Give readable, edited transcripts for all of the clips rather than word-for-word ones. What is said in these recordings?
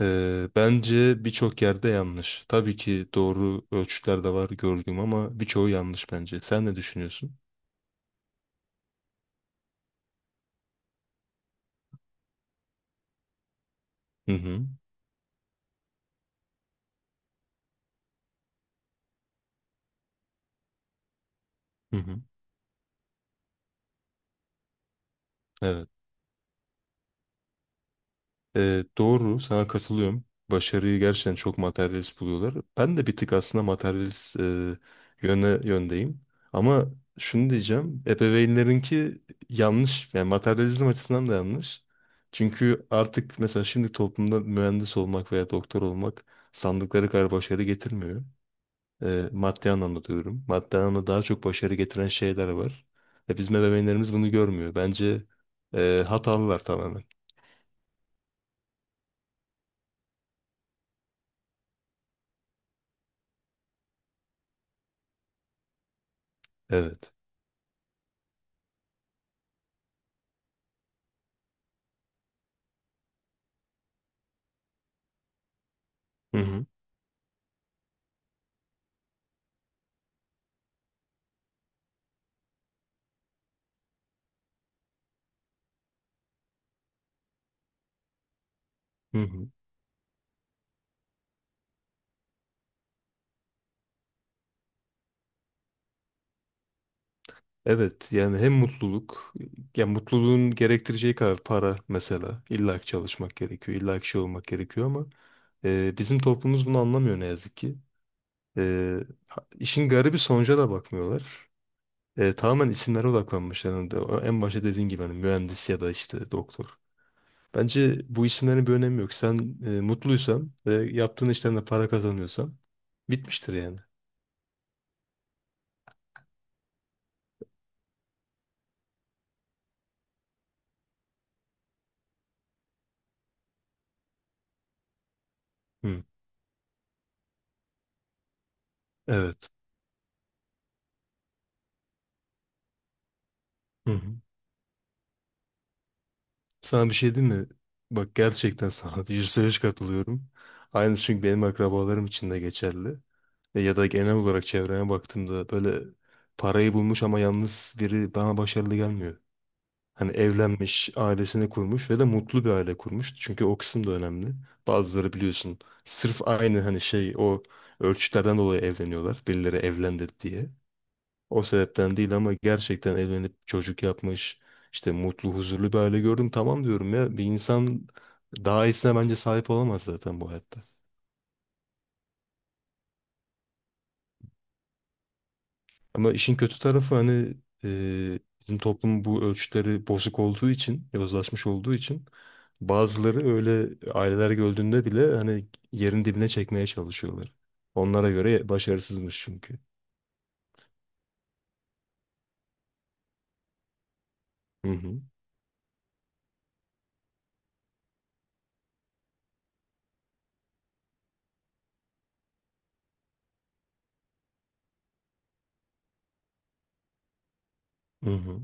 Bence birçok yerde yanlış. Tabii ki doğru ölçütler de var gördüğüm ama birçoğu yanlış bence. Sen ne düşünüyorsun? Hı hı. Hı hı. Evet. Doğru. Sana katılıyorum. Başarıyı gerçekten çok materyalist buluyorlar. Ben de bir tık aslında materyalist yöndeyim. Ama şunu diyeceğim. Ebeveynlerinki yanlış. Yani materyalizm açısından da yanlış. Çünkü artık mesela şimdi toplumda mühendis olmak veya doktor olmak sandıkları kadar başarı getirmiyor. Maddi anlamda diyorum. Maddi anlamda daha çok başarı getiren şeyler var. Bizim ebeveynlerimiz bunu görmüyor. Bence hatalılar tamamen. Evet. Hı hı. Hı hı. Evet, yani hem mutluluk ya mutluluğun gerektireceği kadar para, mesela illa ki çalışmak gerekiyor, illa ki şey olmak gerekiyor ama bizim toplumumuz bunu anlamıyor ne yazık ki. E, işin garibi sonuca da bakmıyorlar. Tamamen isimlere odaklanmışlar. En başta dediğin gibi hani mühendis ya da işte doktor. Bence bu isimlerin bir önemi yok. Sen mutluysan ve yaptığın işten de para kazanıyorsan bitmiştir yani. Hı, evet. Hı hı. Sana bir şey diyeyim mi? Bak gerçekten sana yüzde yüz katılıyorum. Aynısı çünkü benim akrabalarım için de geçerli. Ya da genel olarak çevreme baktığımda böyle parayı bulmuş ama yalnız biri bana başarılı gelmiyor. Hani evlenmiş, ailesini kurmuş ve de mutlu bir aile kurmuş. Çünkü o kısım da önemli. Bazıları biliyorsun sırf aynı hani şey o ölçütlerden dolayı evleniyorlar. Birileri evlendi diye. O sebepten değil ama gerçekten evlenip çocuk yapmış. İşte mutlu, huzurlu bir aile gördüm. Tamam diyorum ya, bir insan daha iyisine bence sahip olamaz zaten bu hayatta. Ama işin kötü tarafı hani bizim toplum bu ölçütleri bozuk olduğu için, yozlaşmış olduğu için bazıları öyle aileler gördüğünde bile hani yerin dibine çekmeye çalışıyorlar. Onlara göre başarısızmış çünkü. Hı hı. Hı hı.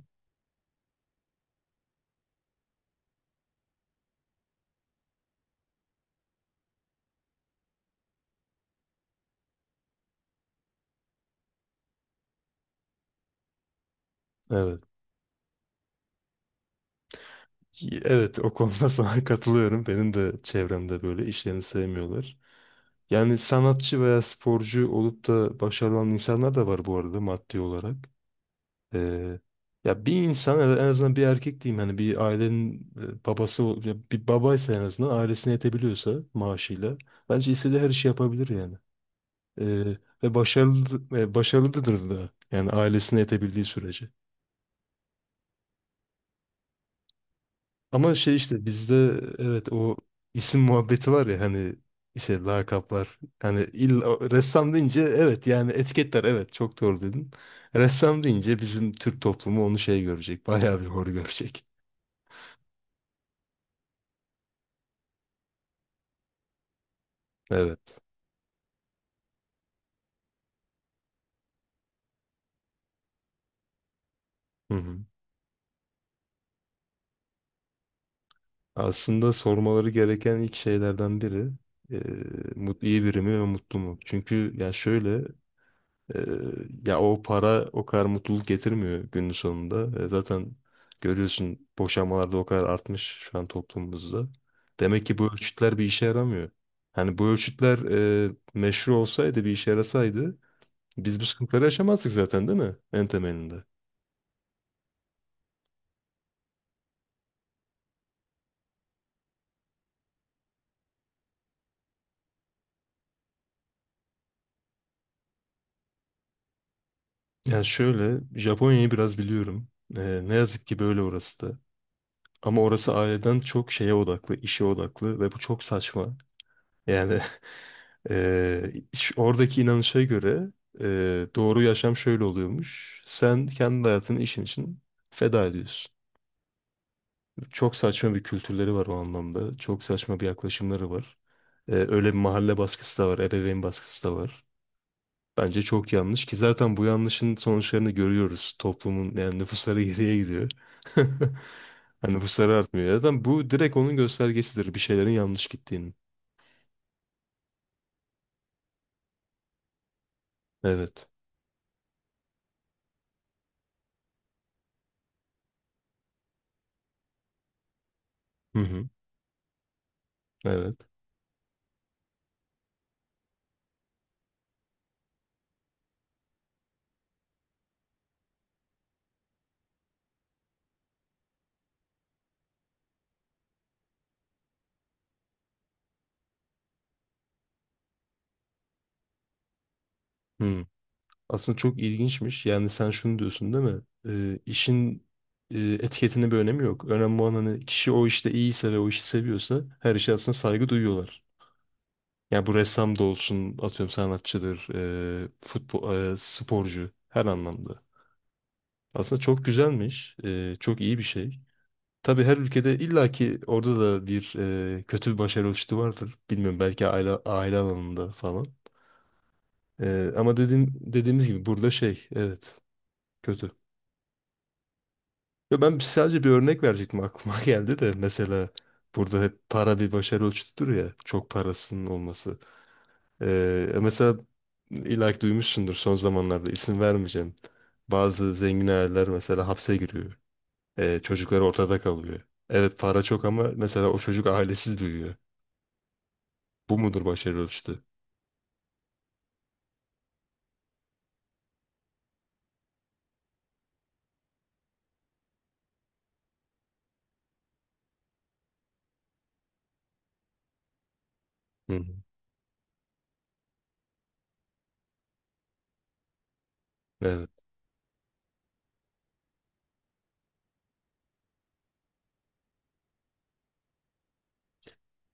Evet. Evet, o konuda sana katılıyorum. Benim de çevremde böyle işlerini sevmiyorlar. Yani sanatçı veya sporcu olup da başarılı olan insanlar da var bu arada maddi olarak. Ee, Ya bir insan en azından, bir erkek diyeyim hani, bir ailenin ya bir babaysa en azından ailesine yetebiliyorsa maaşıyla bence istediği her işi yapabilir yani. Ee, Ve başarılı başarılıdır da yani ailesine yetebildiği sürece. Ama şey işte bizde evet o isim muhabbeti var ya, hani işte lakaplar, hani illa ressam deyince evet yani etiketler, evet çok doğru dedin. Ressam deyince bizim Türk toplumu onu şey görecek, bayağı bir hor görecek. Evet. Hı hı. Aslında sormaları gereken ilk şeylerden biri e, iyi biri mi ve mutlu mu? Çünkü ya şöyle e, ya o para o kadar mutluluk getirmiyor günün sonunda. Zaten görüyorsun, boşanmalar o kadar artmış şu an toplumumuzda. Demek ki bu ölçütler bir işe yaramıyor. Hani bu ölçütler meşru olsaydı, bir işe yarasaydı biz bu sıkıntıları yaşamazdık zaten, değil mi? En temelinde. Yani şöyle, Japonya'yı biraz biliyorum. Ne yazık ki böyle orası da. Ama orası aileden çok şeye odaklı, işe odaklı ve bu çok saçma. Yani oradaki inanışa göre doğru yaşam şöyle oluyormuş. Sen kendi hayatını işin için feda ediyorsun. Çok saçma bir kültürleri var o anlamda. Çok saçma bir yaklaşımları var. Öyle bir mahalle baskısı da var, ebeveyn baskısı da var. Bence çok yanlış ki zaten bu yanlışın sonuçlarını görüyoruz. Toplumun yani nüfusları geriye gidiyor. Hani nüfusları artmıyor. Zaten bu direkt onun göstergesidir bir şeylerin yanlış gittiğinin. Evet. Hı hı. Evet. Hı. Aslında çok ilginçmiş. Yani sen şunu diyorsun değil mi? İşin etiketinin bir önemi yok. Önemli olan hani kişi o işte iyiyse ve o işi seviyorsa her işe aslında saygı duyuyorlar. Yani bu ressam da olsun, atıyorum sanatçıdır, futbol, sporcu, her anlamda. Aslında çok güzelmiş. Çok iyi bir şey. Tabii her ülkede illaki orada da bir kötü bir başarı ölçütü vardır. Bilmiyorum, belki aile, aile alanında falan. Ama dediğimiz gibi burada şey evet kötü. Ya ben sadece bir örnek verecektim, aklıma geldi de, mesela burada hep para bir başarı ölçütüdür ya, çok parasının olması. Mesela illaki duymuşsundur son zamanlarda, isim vermeyeceğim. Bazı zengin aileler mesela hapse giriyor. Çocukları ortada kalıyor. Evet, para çok ama mesela o çocuk ailesiz büyüyor. Bu mudur başarı ölçütü? Hı hı. Evet.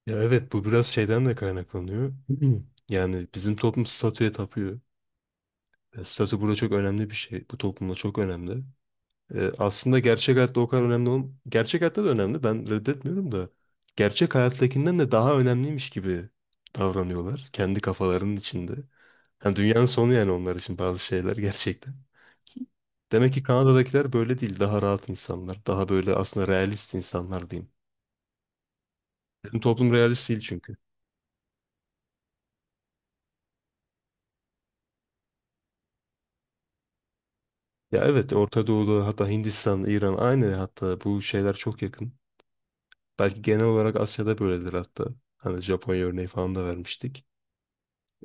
Ya evet, bu biraz şeyden de kaynaklanıyor. Yani bizim toplum statüye tapıyor. Statü burada çok önemli bir şey. Bu toplumda çok önemli. E, aslında gerçek hayatta o kadar önemli olm Gerçek hayatta da önemli. Ben reddetmiyorum da. Gerçek hayattakinden de daha önemliymiş gibi davranıyorlar. Kendi kafalarının içinde. Yani dünyanın sonu yani onlar için bazı şeyler gerçekten. Demek ki Kanada'dakiler böyle değil. Daha rahat insanlar. Daha böyle aslında realist insanlar diyeyim. Bizim toplum realist değil çünkü. Ya evet, Orta Doğu'da hatta Hindistan, İran aynı, hatta bu şeyler çok yakın. Belki genel olarak Asya'da böyledir hatta. Hani Japonya örneği falan da vermiştik.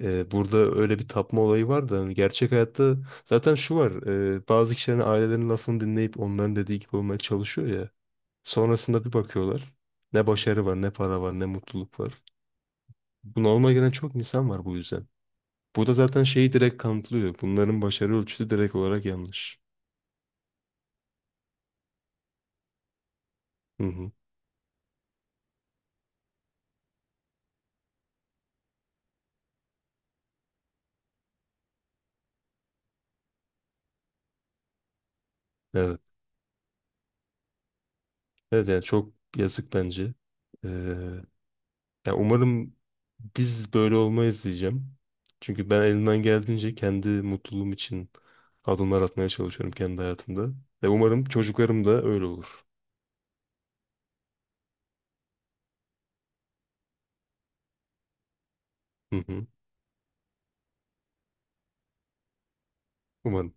Burada öyle bir tapma olayı var da hani gerçek hayatta zaten şu var. Bazı kişilerin, ailelerin lafını dinleyip onların dediği gibi olmaya çalışıyor ya. Sonrasında bir bakıyorlar. Ne başarı var, ne para var, ne mutluluk var. Bu normal gelen çok insan var bu yüzden. Bu da zaten şeyi direkt kanıtlıyor. Bunların başarı ölçüsü direkt olarak yanlış. Hı hı. Evet. Evet yani çok yazık bence. Ee, Ya umarım biz böyle olmayız diyeceğim. Çünkü ben elimden geldiğince kendi mutluluğum için adımlar atmaya çalışıyorum kendi hayatımda. Ve umarım çocuklarım da öyle olur. Hı hı. Umarım.